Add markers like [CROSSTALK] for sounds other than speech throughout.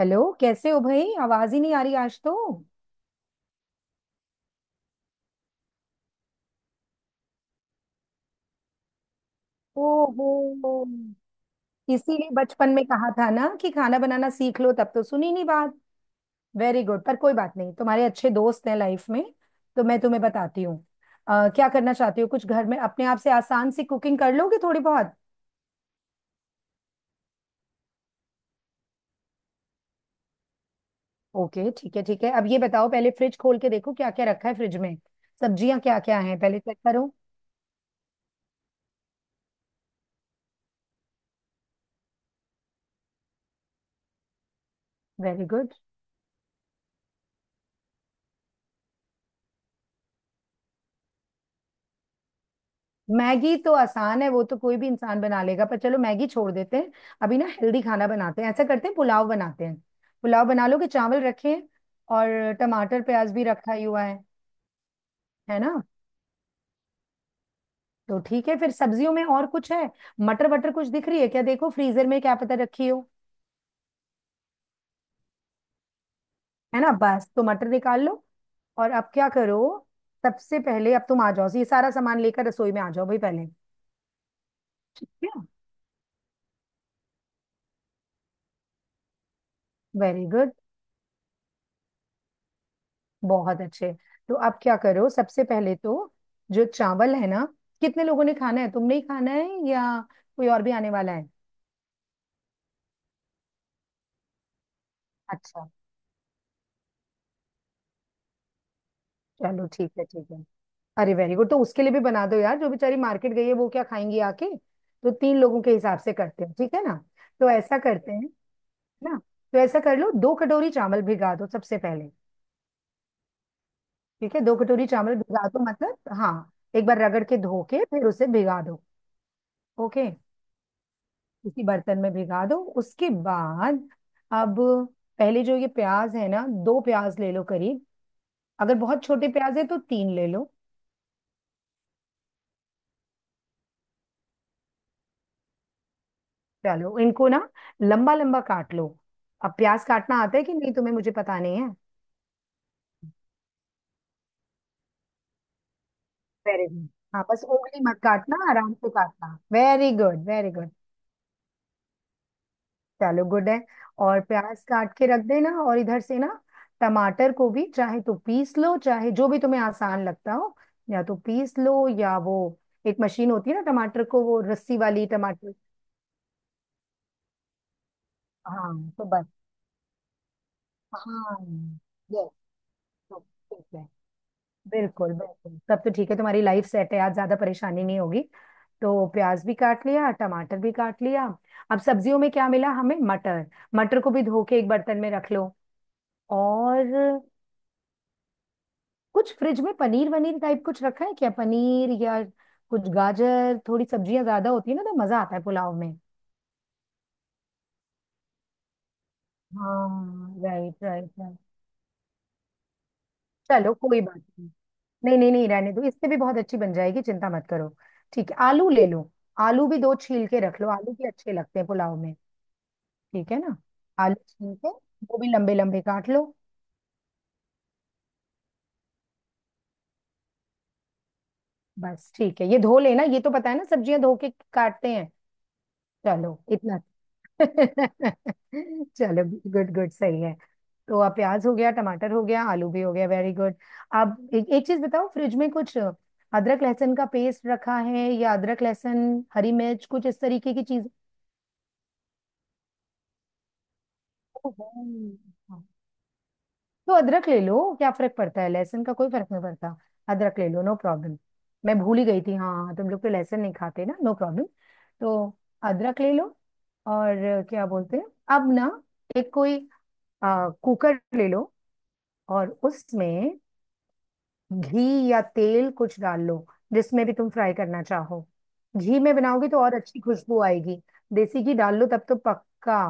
Hello, कैसे हो भाई? आवाज ही नहीं आ रही आज तो। ओहो। इसीलिए बचपन में कहा था ना कि खाना बनाना सीख लो, तब तो सुनी नहीं बात। वेरी गुड, पर कोई बात नहीं, तुम्हारे अच्छे दोस्त हैं लाइफ में, तो मैं तुम्हें बताती हूँ। क्या करना चाहती हो, कुछ घर में अपने आप से आसान सी कुकिंग कर लोगे थोड़ी बहुत? ओके, ठीक है ठीक है, अब ये बताओ, पहले फ्रिज खोल के देखो क्या क्या रखा है फ्रिज में। सब्जियां क्या क्या हैं पहले चेक करो। Very good. मैगी तो आसान है, वो तो कोई भी इंसान बना लेगा, पर चलो मैगी छोड़ देते हैं। अभी ना हेल्दी खाना बनाते हैं, ऐसा करते हैं पुलाव बनाते हैं। पुलाव बना लो, कि चावल रखे हैं और टमाटर प्याज भी रखा ही हुआ है। है ना? तो ठीक है, फिर सब्जियों में और कुछ है? मटर वटर कुछ दिख रही है क्या, देखो फ्रीजर में क्या पता रखी हो। है ना, बस तो मटर निकाल लो। और अब क्या करो, सबसे पहले अब तुम आ जाओ, ये सारा सामान लेकर रसोई में आ जाओ भाई पहले। ठीक है। वेरी गुड, बहुत अच्छे। तो आप क्या करो सबसे पहले तो, जो चावल है ना, कितने लोगों ने खाना है, तुमने ही खाना है या कोई और भी आने वाला है? अच्छा, चलो ठीक है ठीक है। अरे वेरी गुड, तो उसके लिए भी बना दो यार, जो बेचारी मार्केट गई है वो क्या खाएंगी आके, तो तीन लोगों के हिसाब से करते हैं, ठीक है ना? तो ऐसा करते हैं ना, तो ऐसा कर लो, 2 कटोरी चावल भिगा दो सबसे पहले। ठीक है, 2 कटोरी चावल भिगा दो, मतलब हाँ, एक बार रगड़ के धो के फिर उसे भिगा दो। ओके, किसी बर्तन में भिगा दो। उसके बाद अब, पहले जो ये प्याज है ना, दो प्याज ले लो करीब। अगर बहुत छोटे प्याज है तो तीन ले लो। चलो इनको ना लंबा लंबा काट लो। अब प्याज काटना आता है कि नहीं तुम्हें, मुझे पता नहीं है। Very good. हाँ बस उंगली मत काटना, आराम से काटना, वेरी गुड वेरी गुड। चलो, गुड है। और प्याज काट के रख देना, और इधर से ना टमाटर को भी चाहे तो पीस लो, चाहे जो भी तुम्हें आसान लगता हो, या तो पीस लो या वो एक मशीन होती है ना टमाटर को, वो रस्सी वाली टमाटर। हाँ तो बस, हाँ, यस, तो ठीक है, बिल्कुल बिल्कुल, तब तो ठीक है, तुम्हारी लाइफ सेट है आज, ज्यादा परेशानी नहीं होगी। तो प्याज भी काट लिया, टमाटर भी काट लिया, अब सब्जियों में क्या मिला हमें, मटर। मटर को भी धो के एक बर्तन में रख लो। और कुछ फ्रिज में पनीर वनीर टाइप कुछ रखा है क्या, पनीर या कुछ गाजर, थोड़ी सब्जियां ज्यादा होती है ना तो मजा आता है पुलाव में। हाँ राइट राइट राइट। चलो कोई बात नहीं, नहीं नहीं नहीं, रहने दो, इससे भी बहुत अच्छी बन जाएगी, चिंता मत करो। ठीक है, आलू ले लो। आलू भी दो छील के रख लो, आलू भी अच्छे लगते हैं पुलाव में। ठीक है ना, आलू छील के वो भी लंबे लंबे काट लो। बस ठीक है, ये धो लेना, ये तो पता है ना, सब्जियां धो के काटते हैं। चलो इतना [LAUGHS] चलो, गुड गुड सही है। तो अब प्याज हो गया, टमाटर हो गया, आलू भी हो गया, वेरी गुड। अब एक एक चीज बताओ, फ्रिज में कुछ अदरक लहसुन का पेस्ट रखा है या अदरक लहसुन हरी मिर्च कुछ इस तरीके की चीज? ओहो। तो अदरक ले लो, क्या फर्क पड़ता है, लहसुन का कोई फर्क नहीं पड़ता। अदरक ले लो, नो प्रॉब्लम। मैं भूल ही गई थी, हाँ हाँ, तुम लोग तो लहसुन नहीं खाते ना, नो प्रॉब्लम। तो अदरक ले लो। और क्या बोलते हैं, अब ना एक कोई कुकर ले लो, और उसमें घी या तेल कुछ डाल लो, जिसमें भी तुम फ्राई करना चाहो। घी में बनाओगे तो और अच्छी खुशबू आएगी, देसी घी डाल लो तब तो पक्का।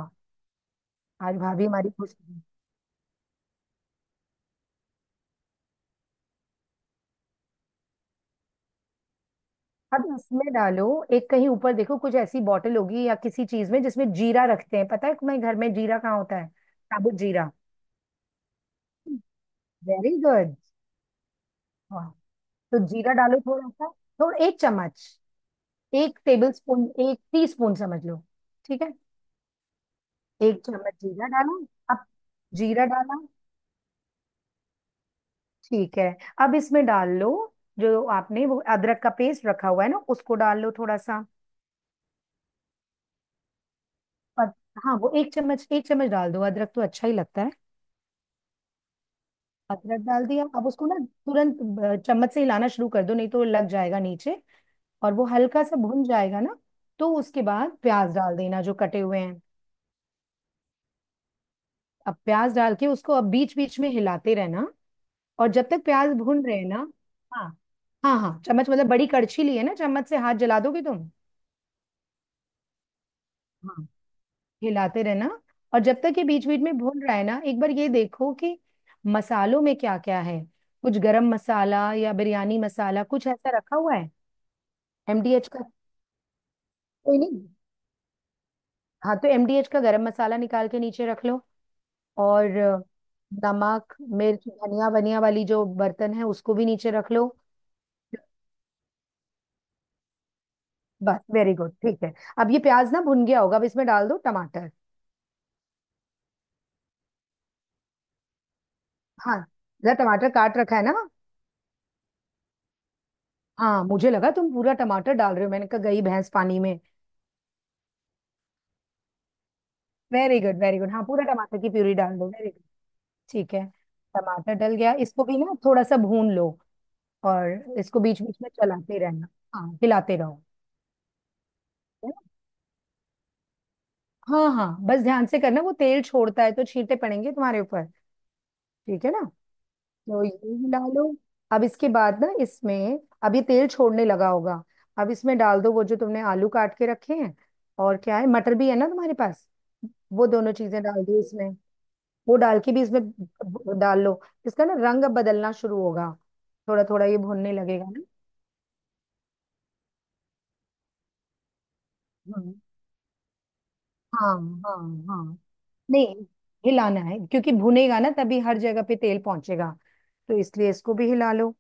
आज भाभी हमारी खुश होगी। अब इसमें डालो, एक कहीं ऊपर देखो, कुछ ऐसी बॉटल होगी या किसी चीज में जिसमें जीरा रखते हैं, पता है तुम्हें घर में जीरा कहाँ होता है, साबुत जीरा? Very good. वाह, तो जीरा डालो थोड़ा सा, थोड़ा 1 चम्मच, 1 टेबल स्पून, 1 टी स्पून समझ लो, ठीक है। 1 चम्मच जीरा डालो। अब जीरा डाला, ठीक है। अब इसमें डाल लो जो आपने वो अदरक का पेस्ट रखा हुआ है ना, उसको डाल लो थोड़ा सा। और हाँ, वो 1 चम्मच, 1 चम्मच डाल दो, अदरक तो अच्छा ही लगता है। अदरक डाल दिया, अब उसको ना तुरंत चम्मच से हिलाना शुरू कर दो, नहीं तो लग जाएगा नीचे। और वो हल्का सा भुन जाएगा ना, तो उसके बाद प्याज डाल देना जो कटे हुए हैं। अब प्याज डाल के उसको अब बीच बीच में हिलाते रहना, और जब तक प्याज भुन रहे ना। हाँ हाँ, हाँ चम्मच मतलब बड़ी कड़छी ली है ना, चम्मच से हाथ जला दोगे तुम। हाँ हिलाते रहना, और जब तक ये बीच बीच में भून रहा है ना, एक बार ये देखो कि मसालों में क्या क्या है, कुछ गरम मसाला या बिरयानी मसाला कुछ ऐसा रखा हुआ है? एमडीएच का? कोई नहीं। हाँ तो एमडीएच का गरम मसाला निकाल के नीचे रख लो। और नमक, मिर्च धनिया वनिया वाली जो बर्तन है उसको भी नीचे रख लो। बस वेरी गुड, ठीक है। अब ये प्याज ना भुन गया होगा, अब इसमें डाल दो टमाटर। हाँ, जरा टमाटर काट रखा है ना, हाँ, मुझे लगा तुम पूरा टमाटर डाल रहे हो, मैंने कहा गई भैंस पानी में। वेरी गुड वेरी गुड, हाँ पूरा टमाटर की प्यूरी डाल दो, वेरी गुड। ठीक है, टमाटर डल गया, इसको भी ना थोड़ा सा भून लो। और इसको बीच बीच में चलाते रहना, हाँ हिलाते रहो। है ना? हाँ हाँ, बस ध्यान से करना, वो तेल छोड़ता है तो छींटे पड़ेंगे तुम्हारे ऊपर, ठीक है ना। तो ये हिला लो। अब इसके बाद ना इसमें, अब ये तेल छोड़ने लगा होगा, अब इसमें डाल दो वो जो तुमने आलू काट के रखे हैं, और क्या है, मटर भी है ना तुम्हारे पास, वो दोनों चीजें डाल दो इसमें। वो डाल के भी इसमें डाल लो। इसका ना रंग अब बदलना शुरू होगा, थोड़ा थोड़ा ये भुनने लगेगा। ना हाँ हाँ हाँ हाँ, नहीं हिलाना है, क्योंकि भुनेगा ना तभी हर जगह पे तेल पहुंचेगा, तो इसलिए इसको भी हिला लो।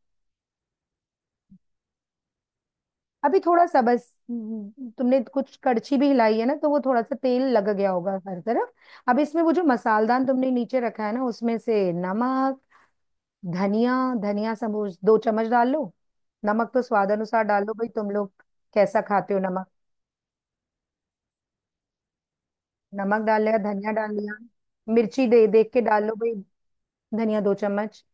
अभी थोड़ा सा बस, तुमने कुछ कड़छी भी हिलाई है ना, तो वो थोड़ा सा तेल लग गया होगा हर तरफ। अब इसमें वो जो मसालदान तुमने नीचे रखा है ना, उसमें से नमक, धनिया, धनिया समूच 2 चम्मच डाल लो। नमक तो स्वाद अनुसार डाल लो भाई, तुम लोग कैसा खाते हो। नमक डाल लिया, धनिया डाल लिया, मिर्ची दे देख के डाल लो भाई। धनिया 2 चम्मच।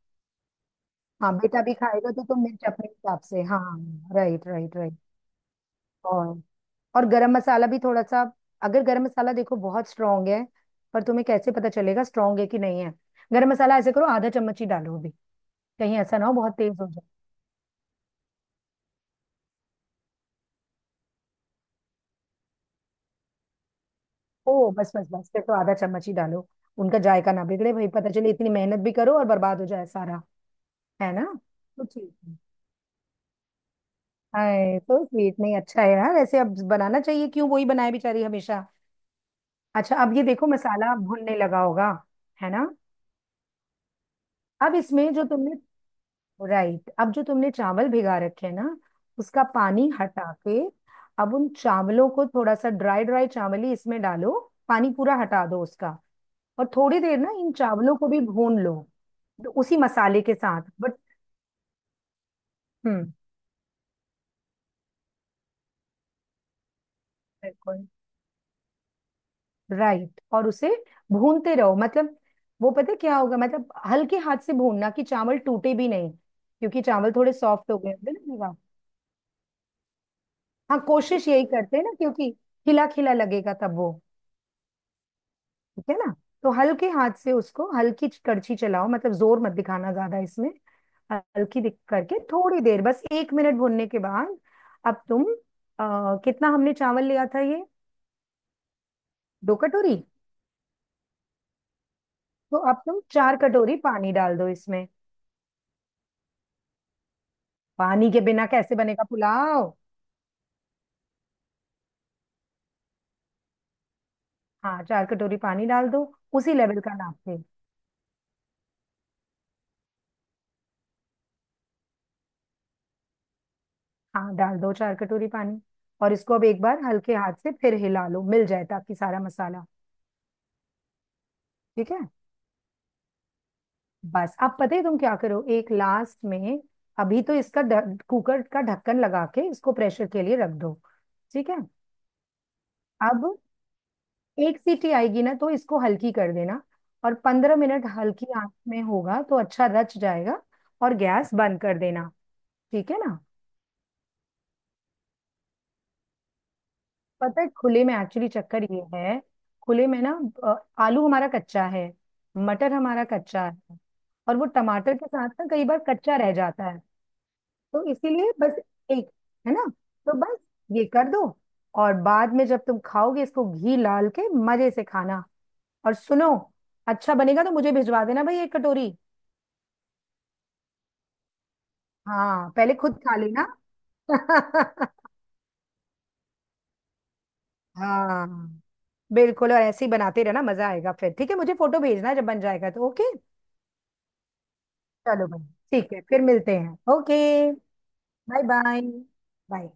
हाँ बेटा भी खाएगा तो तुम मिर्च अपने हिसाब से हाँ। राइट राइट राइट, और गरम मसाला भी थोड़ा सा। अगर गरम मसाला देखो बहुत स्ट्रांग है, पर तुम्हें कैसे पता चलेगा स्ट्रांग है कि नहीं है। गरम मसाला ऐसे करो, आधा चम्मच ही डालो अभी, कहीं ऐसा ना हो बहुत तेज हो जाए। ओ बस बस बस, फिर तो आधा चम्मच ही डालो, उनका जायका ना बिगड़े भाई, पता चले इतनी मेहनत भी करो और बर्बाद हो जाए सारा। है ना, तो ठीक है। हाय तो स्वीट, नहीं अच्छा है यार ऐसे, अब बनाना चाहिए, क्यों वही बनाए बेचारी हमेशा। अच्छा अब ये देखो मसाला भुनने लगा होगा, है ना। अब इसमें जो तुमने, राइट, अब जो तुमने चावल भिगा रखे हैं ना, उसका पानी हटा के अब उन चावलों को थोड़ा सा, ड्राई ड्राई चावल ही इसमें डालो। पानी पूरा हटा दो उसका। और थोड़ी देर ना इन चावलों को भी भून लो, तो उसी मसाले के साथ, बट, हम्म बिल्कुल। राइट, और उसे भूनते रहो, मतलब वो पता है क्या होगा, मतलब हल्के हाथ से भूनना कि चावल टूटे भी नहीं, क्योंकि चावल थोड़े सॉफ्ट हो गए होंगे ना भीगा। हाँ कोशिश यही करते हैं ना, क्योंकि खिला खिला लगेगा तब वो, ठीक है ना। तो हल्के हाथ से उसको, हल्की कड़छी चलाओ, मतलब जोर मत दिखाना ज्यादा इसमें। हल्की दिख करके थोड़ी देर बस 1 मिनट भूनने के बाद। अब तुम कितना हमने चावल लिया था ये, 2 कटोरी, तो अब तुम 4 कटोरी पानी डाल दो इसमें। पानी के बिना कैसे बनेगा पुलाव। हाँ 4 कटोरी पानी डाल दो, उसी लेवल का नाप पे। हाँ डाल दो 4 कटोरी पानी, और इसको अब एक बार हल्के हाथ से फिर हिला लो मिल जाए ताकि सारा मसाला। ठीक है, बस, अब पता है तुम क्या करो एक लास्ट में, अभी तो इसका कुकर का ढक्कन लगा के इसको प्रेशर के लिए रख दो, ठीक है। अब एक सीटी आएगी ना, तो इसको हल्की कर देना, और 15 मिनट हल्की आंच में होगा तो अच्छा रच जाएगा, और गैस बंद कर देना, ठीक है ना। पता है खुले में एक्चुअली चक्कर ये है, खुले में ना आलू हमारा कच्चा है, मटर हमारा कच्चा है, और वो टमाटर के साथ ना कई बार कच्चा रह जाता है, तो इसीलिए बस एक, है ना, तो बस ये कर दो। और बाद में जब तुम खाओगे इसको घी लाल के मजे से खाना। और सुनो, अच्छा बनेगा तो मुझे भिजवा देना भाई 1 कटोरी। हाँ पहले खुद खा लेना। [LAUGHS] हाँ बिल्कुल, और ऐसे ही बनाते रहना मजा आएगा फिर, ठीक है, मुझे फोटो भेजना जब बन जाएगा तो, ओके। चलो भाई, ठीक है फिर मिलते हैं, ओके। Bye bye, bye.